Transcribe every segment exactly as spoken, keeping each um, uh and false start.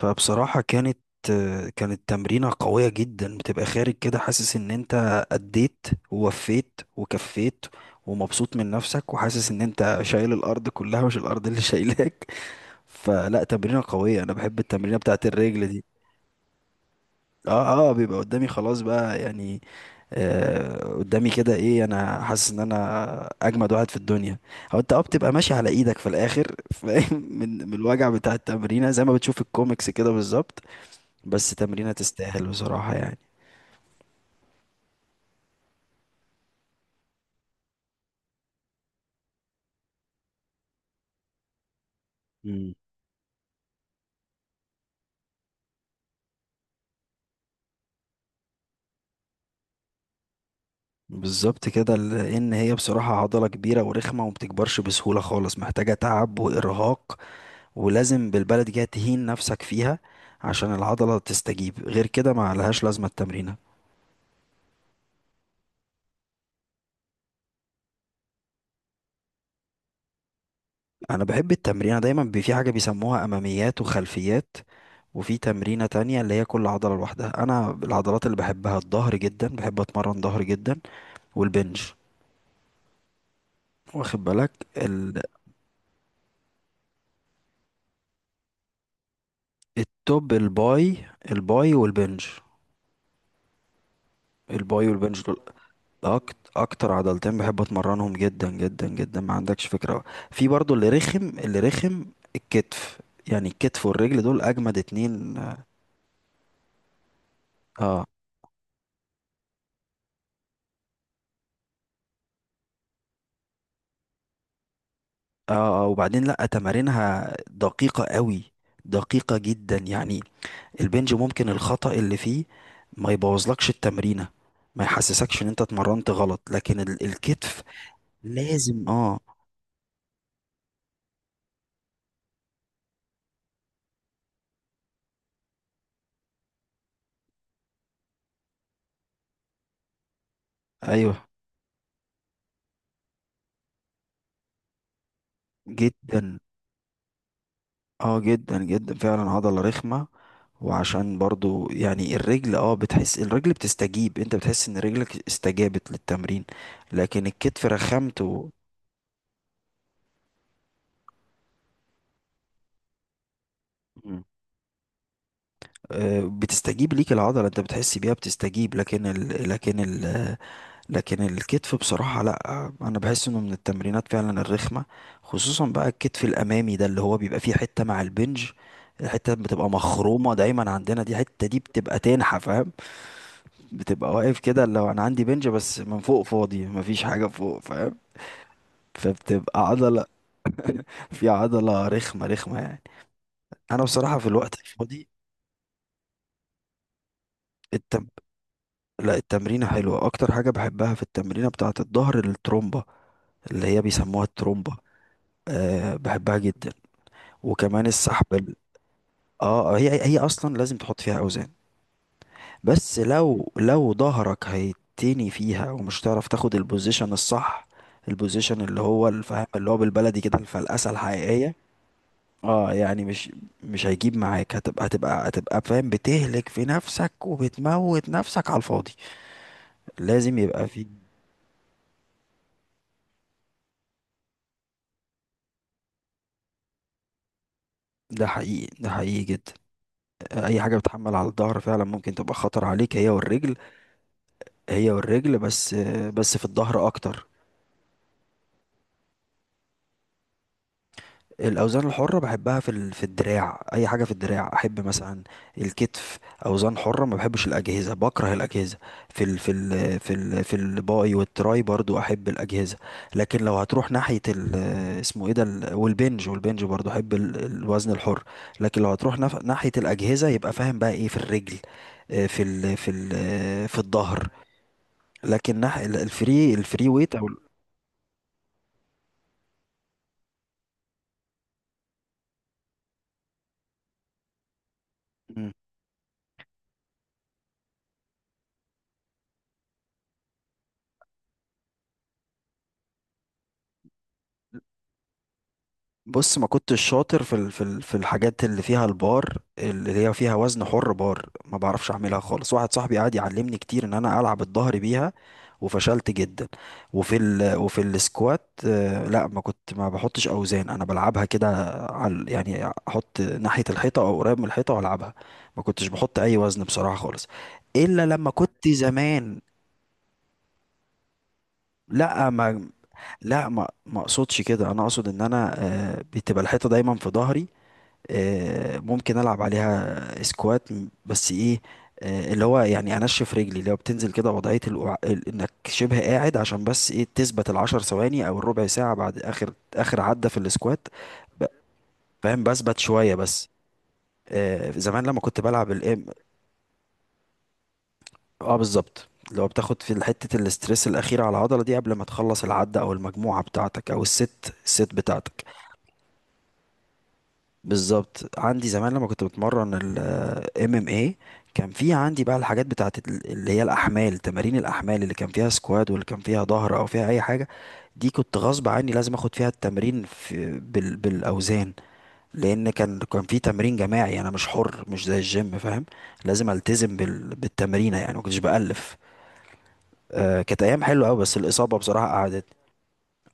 فبصراحة كانت كانت تمرينة قوية جدا، بتبقى خارج كده حاسس ان انت أديت ووفيت وكفيت، ومبسوط من نفسك، وحاسس ان انت شايل الارض كلها مش الارض اللي شايلاك. فلا، تمرينة قوية، انا بحب التمرينة بتاعت الرجل دي. اه، اه، بيبقى قدامي خلاص بقى يعني. آه، قدامي كده ايه، انا حاسس ان انا اجمد واحد في الدنيا. او انت اه بتبقى ماشي على ايدك في الاخر، فاهم؟ من من الوجع بتاع التمرينة زي ما بتشوف الكوميكس كده، بالظبط. بس تمرينة تستاهل بصراحة يعني. مم. بالظبط كده، لان هي بصراحة عضلة كبيرة ورخمة وما بتكبرش بسهولة خالص، محتاجة تعب وارهاق. ولازم بالبلد كده تهين نفسك فيها عشان العضلة تستجيب، غير كده ما لهاش لازمة التمرينة. انا بحب التمرينة دايما، بي- في حاجة بيسموها اماميات وخلفيات، وفي تمرينة تانية اللي هي كل عضلة لوحدها. انا العضلات اللي بحبها الظهر جدا، بحب اتمرن ظهر جدا، والبنج. واخد بالك؟ التوب الباي. الباي والبنج. الباي والبنج دول أكت اكتر عضلتين بحب اتمرنهم جدا جدا جدا، ما عندكش فكرة. في برضو اللي رخم، اللي رخم الكتف. يعني الكتف والرجل دول اجمد اتنين، اه. اه، آه وبعدين لا، تمارينها دقيقة قوي، دقيقة جدا يعني. البنج ممكن الخطأ اللي فيه ما يبوظلكش التمرينة، ما يحسسكش ان انت اتمرنت غلط، لكن ال- الكتف لازم. اه. ايوه. جدا. اه جدا جدا فعلا عضلة رخمة. وعشان برضو يعني الرجل، اه بتحس الرجل بتستجيب، انت بتحس ان رجلك استجابت للتمرين، لكن الكتف رخمته. مم. آه، بتستجيب ليك العضلة، انت بتحس بيها بتستجيب، لكن ال... لكن ال... لكن الكتف بصراحة، لا انا بحس انه من التمرينات فعلا الرخمة، خصوصا بقى الكتف الامامي ده اللي هو بيبقى فيه حتة مع البنج. الحتة بتبقى مخرومة دايما عندنا، دي الحتة دي بتبقى تنحف. بتبقى واقف كده، لو انا عندي بنج بس من فوق فاضي مفيش حاجة فوق، فاهم؟ فبتبقى عضلة. في عضلة رخمة رخمة يعني. انا بصراحة في الوقت الفاضي، التم... لا التمرينة حلوة. اكتر حاجة بحبها في التمرينة بتاعة الظهر الترومبة، اللي هي بيسموها الترومبة. أه، بحبها جدا. وكمان السحب ال... اه هي هي اصلا لازم تحط فيها اوزان، بس لو لو ظهرك هيتني فيها ومش هتعرف تاخد البوزيشن الصح، البوزيشن اللي هو الفهم اللي هو بالبلدي كده الفلقسه الحقيقيه. اه يعني مش مش هيجيب معاك، هتبقى هتبقى هتبقى فاهم بتهلك في نفسك وبتموت نفسك على الفاضي. لازم يبقى في. ده حقيقي، ده حقيقي جدا. اي حاجه بتحمل على الظهر فعلا ممكن تبقى خطر عليك، هي والرجل، هي والرجل بس. بس في الظهر اكتر. الاوزان الحره بحبها في ال- في الدراع، اي حاجه في الدراع احب، مثلا الكتف اوزان حره. ما بحبش الاجهزه، بكره الاجهزه. في ال في ال في ال في الباي والتراي برضو احب الاجهزه. لكن لو هتروح ناحيه ال، اسمه ايه ده، ال- والبنج، والبنج برضو احب ال- الوزن الحر. لكن لو هتروح نف- ناحيه الاجهزه، يبقى فاهم بقى ايه؟ في الرجل، آه، في ال في ال آه، في الظهر. لكن ناح- ال- الفري الفري ويت او ال- بص، ما كنتش شاطر في ال- في ال- في الحاجات اللي فيها البار، اللي هي فيها وزن حر بار، ما بعرفش اعملها خالص. واحد صاحبي قعد يعلمني كتير ان انا العب الظهر بيها، وفشلت جدا. وفي ال وفي السكوات، آه، لا، ما كنت ما بحطش اوزان، انا بلعبها كده، على يعني احط ناحية الحيطة او قريب من الحيطة والعبها، ما كنتش بحط اي وزن بصراحة خالص، الا لما كنت زمان. لا ما لا ما ما اقصدش كده، انا اقصد ان انا، آه، بتبقى الحيطة دايما في ظهري. آه، ممكن العب عليها سكوات، م- بس ايه؟ آه، اللي هو يعني انشف رجلي، اللي هو بتنزل كده وضعيه القع... ال- انك شبه قاعد، عشان بس ايه، تثبت العشر ثواني او الربع ساعه بعد اخر اخر عده في السكوات. ب- فاهم، بثبت شويه بس. آه، زمان لما كنت بلعب الام. اه بالظبط، اللي هو بتاخد في حته الاسترس الاخيره على العضله دي قبل ما تخلص العده او المجموعه بتاعتك او الست الست بتاعتك. بالظبط، عندي زمان لما كنت بتمرن ال ام ام اي، كان في عندي بقى الحاجات بتاعت ال- اللي هي الاحمال، تمارين الاحمال اللي كان فيها سكواد واللي كان فيها ظهر او فيها اي حاجه، دي كنت غصب عني لازم اخد فيها التمرين في بال بالاوزان. لان كان كان في تمرين جماعي، انا مش حر مش زي الجيم فاهم، لازم التزم بال بالتمرينه يعني، ما كنتش بالف. آه كانت ايام حلوه قوي، بس الاصابه بصراحه.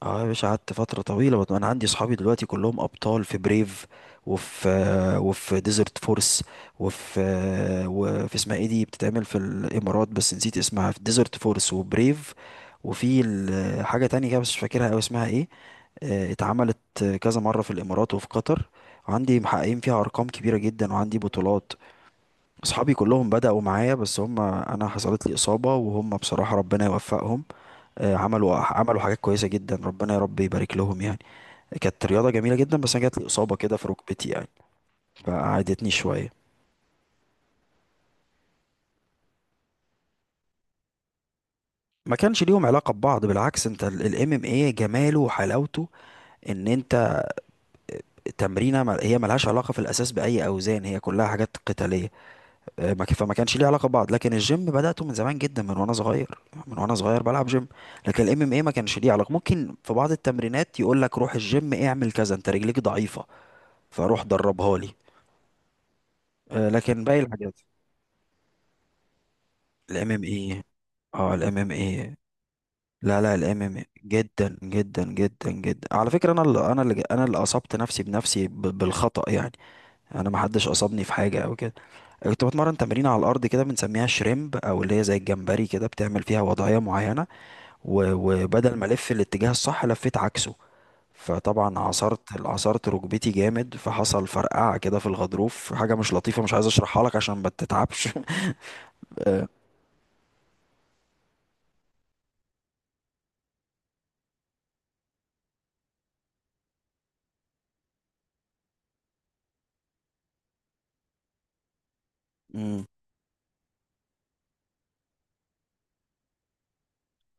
اه يا باشا، قعدت فترة طويلة. بط- انا عندي صحابي دلوقتي كلهم ابطال في بريف، وفي آه، وفي ديزرت فورس، وفي آه، وفي اسمها ايه دي بتتعمل في الامارات، بس نسيت اسمها، في ديزرت فورس وبريف. وفي ال- حاجة تانية كده بس مش فاكرها أوي اسمها ايه. آه، اتعملت كذا مرة في الامارات وفي قطر، وعندي محققين فيها ارقام كبيرة جدا، وعندي بطولات. اصحابي كلهم بدأوا معايا، بس هم انا حصلت لي اصابة، وهم بصراحة ربنا يوفقهم. آه، عملوا عملوا حاجات كويسة جدا، ربنا يا رب يبارك لهم يعني. كانت رياضة جميلة جدا، بس انا جات لي إصابة كده في ركبتي يعني، فقعدتني شوية. ما كانش ليهم علاقة ببعض، بالعكس انت الام ام ايه جماله وحلاوته ان انت، تمرينه مل- هي ملهاش علاقة في الاساس باي اوزان، هي كلها حاجات قتالية. آه، ما ك- فما كانش ليه علاقة ببعض، لكن الجيم بدأته من زمان جدا، من وانا صغير، من وانا صغير بلعب جيم. لكن الام ام ايه ما كانش ليه علاقة، ممكن في بعض التمرينات يقول لك روح الجيم اعمل كذا انت رجليك ضعيفة، فروح دربها لي. آه، لكن باقي الحاجات الام ام اي. اه الام ام اي. لا، لا، الام ام اي جدا جدا جدا جدا، على فكره انا اللي انا اللي انا اللي اصبت نفسي بنفسي ب- بالخطأ يعني. انا ما حدش اصابني في حاجه او كده. كنت بتمرن تمرين على الارض كده بنسميها شريمب، او اللي هي زي الجمبري كده، بتعمل فيها وضعيه معينه، و- وبدل ما الف الاتجاه الصح لفيت عكسه، فطبعا عصرت عصرت ركبتي جامد، فحصل فرقعه كده في الغضروف، حاجه مش لطيفه، مش عايز اشرحها لك عشان ما تتعبش. آه،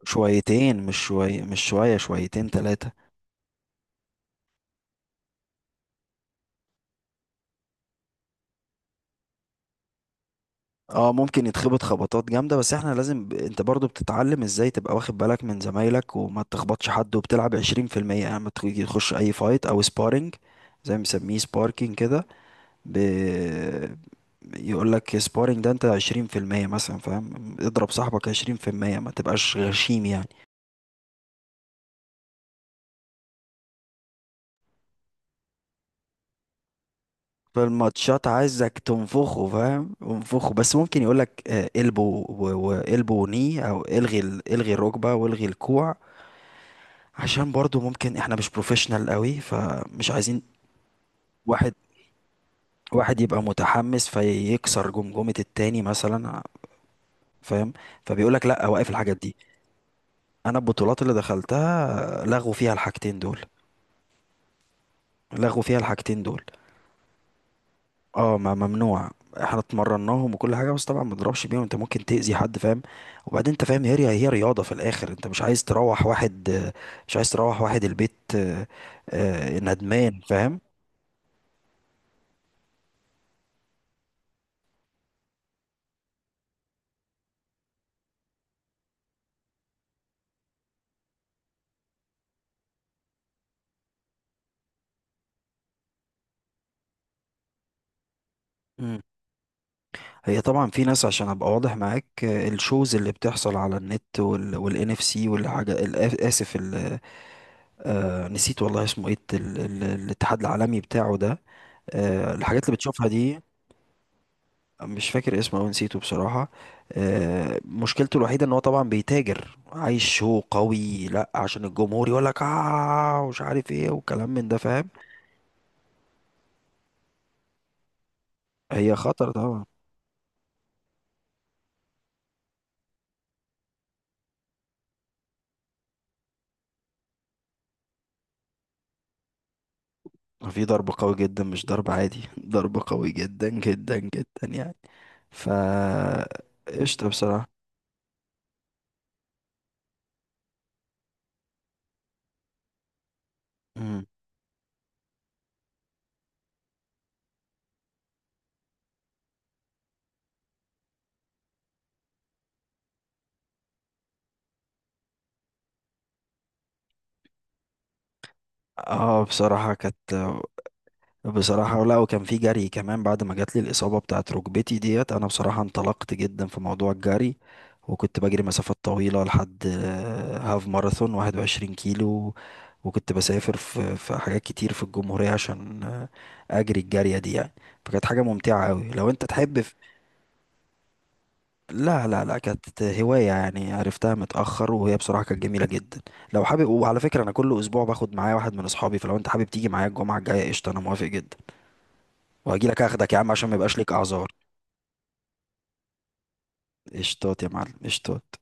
شويتين، مش شوي مش شوية، شويتين، ثلاثة. اه ممكن يتخبط خبطات جامدة، بس احنا لازم، ب... انت برضو بتتعلم ازاي تبقى واخد بالك من زمايلك وما تخبطش حد، وبتلعب عشرين في المية يعني لما تيجي تخش اي فايت او سبارينج، زي ما بيسميه سباركينج كده. ب... يقول لك سبارينج، ده انت عشرين في المية مثلا فاهم، اضرب صاحبك عشرين في المية، ما تبقاش غشيم يعني. في الماتشات عايزك تنفخه فاهم، انفخه، بس ممكن يقولك، آه، البو والبو ني، او الغي ال- الغي الركبه والغي الكوع، عشان برضو ممكن احنا مش بروفيشنال قوي، فمش عايزين واحد واحد يبقى متحمس فيكسر جمجمه التاني مثلا فاهم، فبيقولك لا، وقف الحاجات دي. انا البطولات اللي دخلتها، آه، لغوا فيها الحاجتين دول، لغوا فيها الحاجتين دول. اه ما ممنوع، احنا اتمرناهم وكل حاجه بس طبعا ما تضربش بيهم، انت ممكن تاذي حد فاهم. وبعدين انت فاهم، هي هي رياضه في الاخر، انت مش عايز تروح واحد، مش عايز تروح واحد البيت آه، آه، ندمان فاهم. مم. هي طبعا في ناس، عشان ابقى واضح معاك، آه، الشوز اللي بتحصل على النت، وال والان اف سي، والحاجه، ال- اسف، ال- آه، نسيت والله اسمه ايه، الت- ال- ال- الاتحاد العالمي بتاعه ده. آه، الحاجات اللي بتشوفها دي، مش فاكر اسمه او نسيته بصراحة. آه، مشكلته الوحيدة ان هو طبعا بيتاجر، عايز شو قوي لا عشان الجمهور يقول لك اه ومش عارف ايه، وكلام من ده فاهم. هي خطر طبعا، في ضرب قوي جدا مش ضرب عادي. ضرب قوي جدا جدا جدا يعني، ف قشطة بصراحة. مم. اه، بصراحة كانت بصراحة لا، وكان في جري كمان بعد ما جات لي الإصابة بتاعت ركبتي ديت. أنا بصراحة انطلقت جدا في موضوع الجري، وكنت بجري مسافات طويلة لحد، آه، هاف ماراثون واحد وعشرين كيلو، وكنت بسافر في في حاجات كتير في الجمهورية عشان، آه، أجري الجارية دي يعني. فكانت حاجة ممتعة أوي لو أنت تحب في... لا لا لا، كانت هواية يعني عرفتها متأخر، وهي بصراحة كانت جميلة جدا. لو حابب، وعلى فكرة أنا كل أسبوع باخد معايا واحد من أصحابي، فلو أنت حابب تيجي معايا الجمعة الجاية قشطة، أنا موافق جدا، وهجيلك اخدك يا عم عشان ما يبقاش ليك اعذار. قشطات يا معلم، قشطات.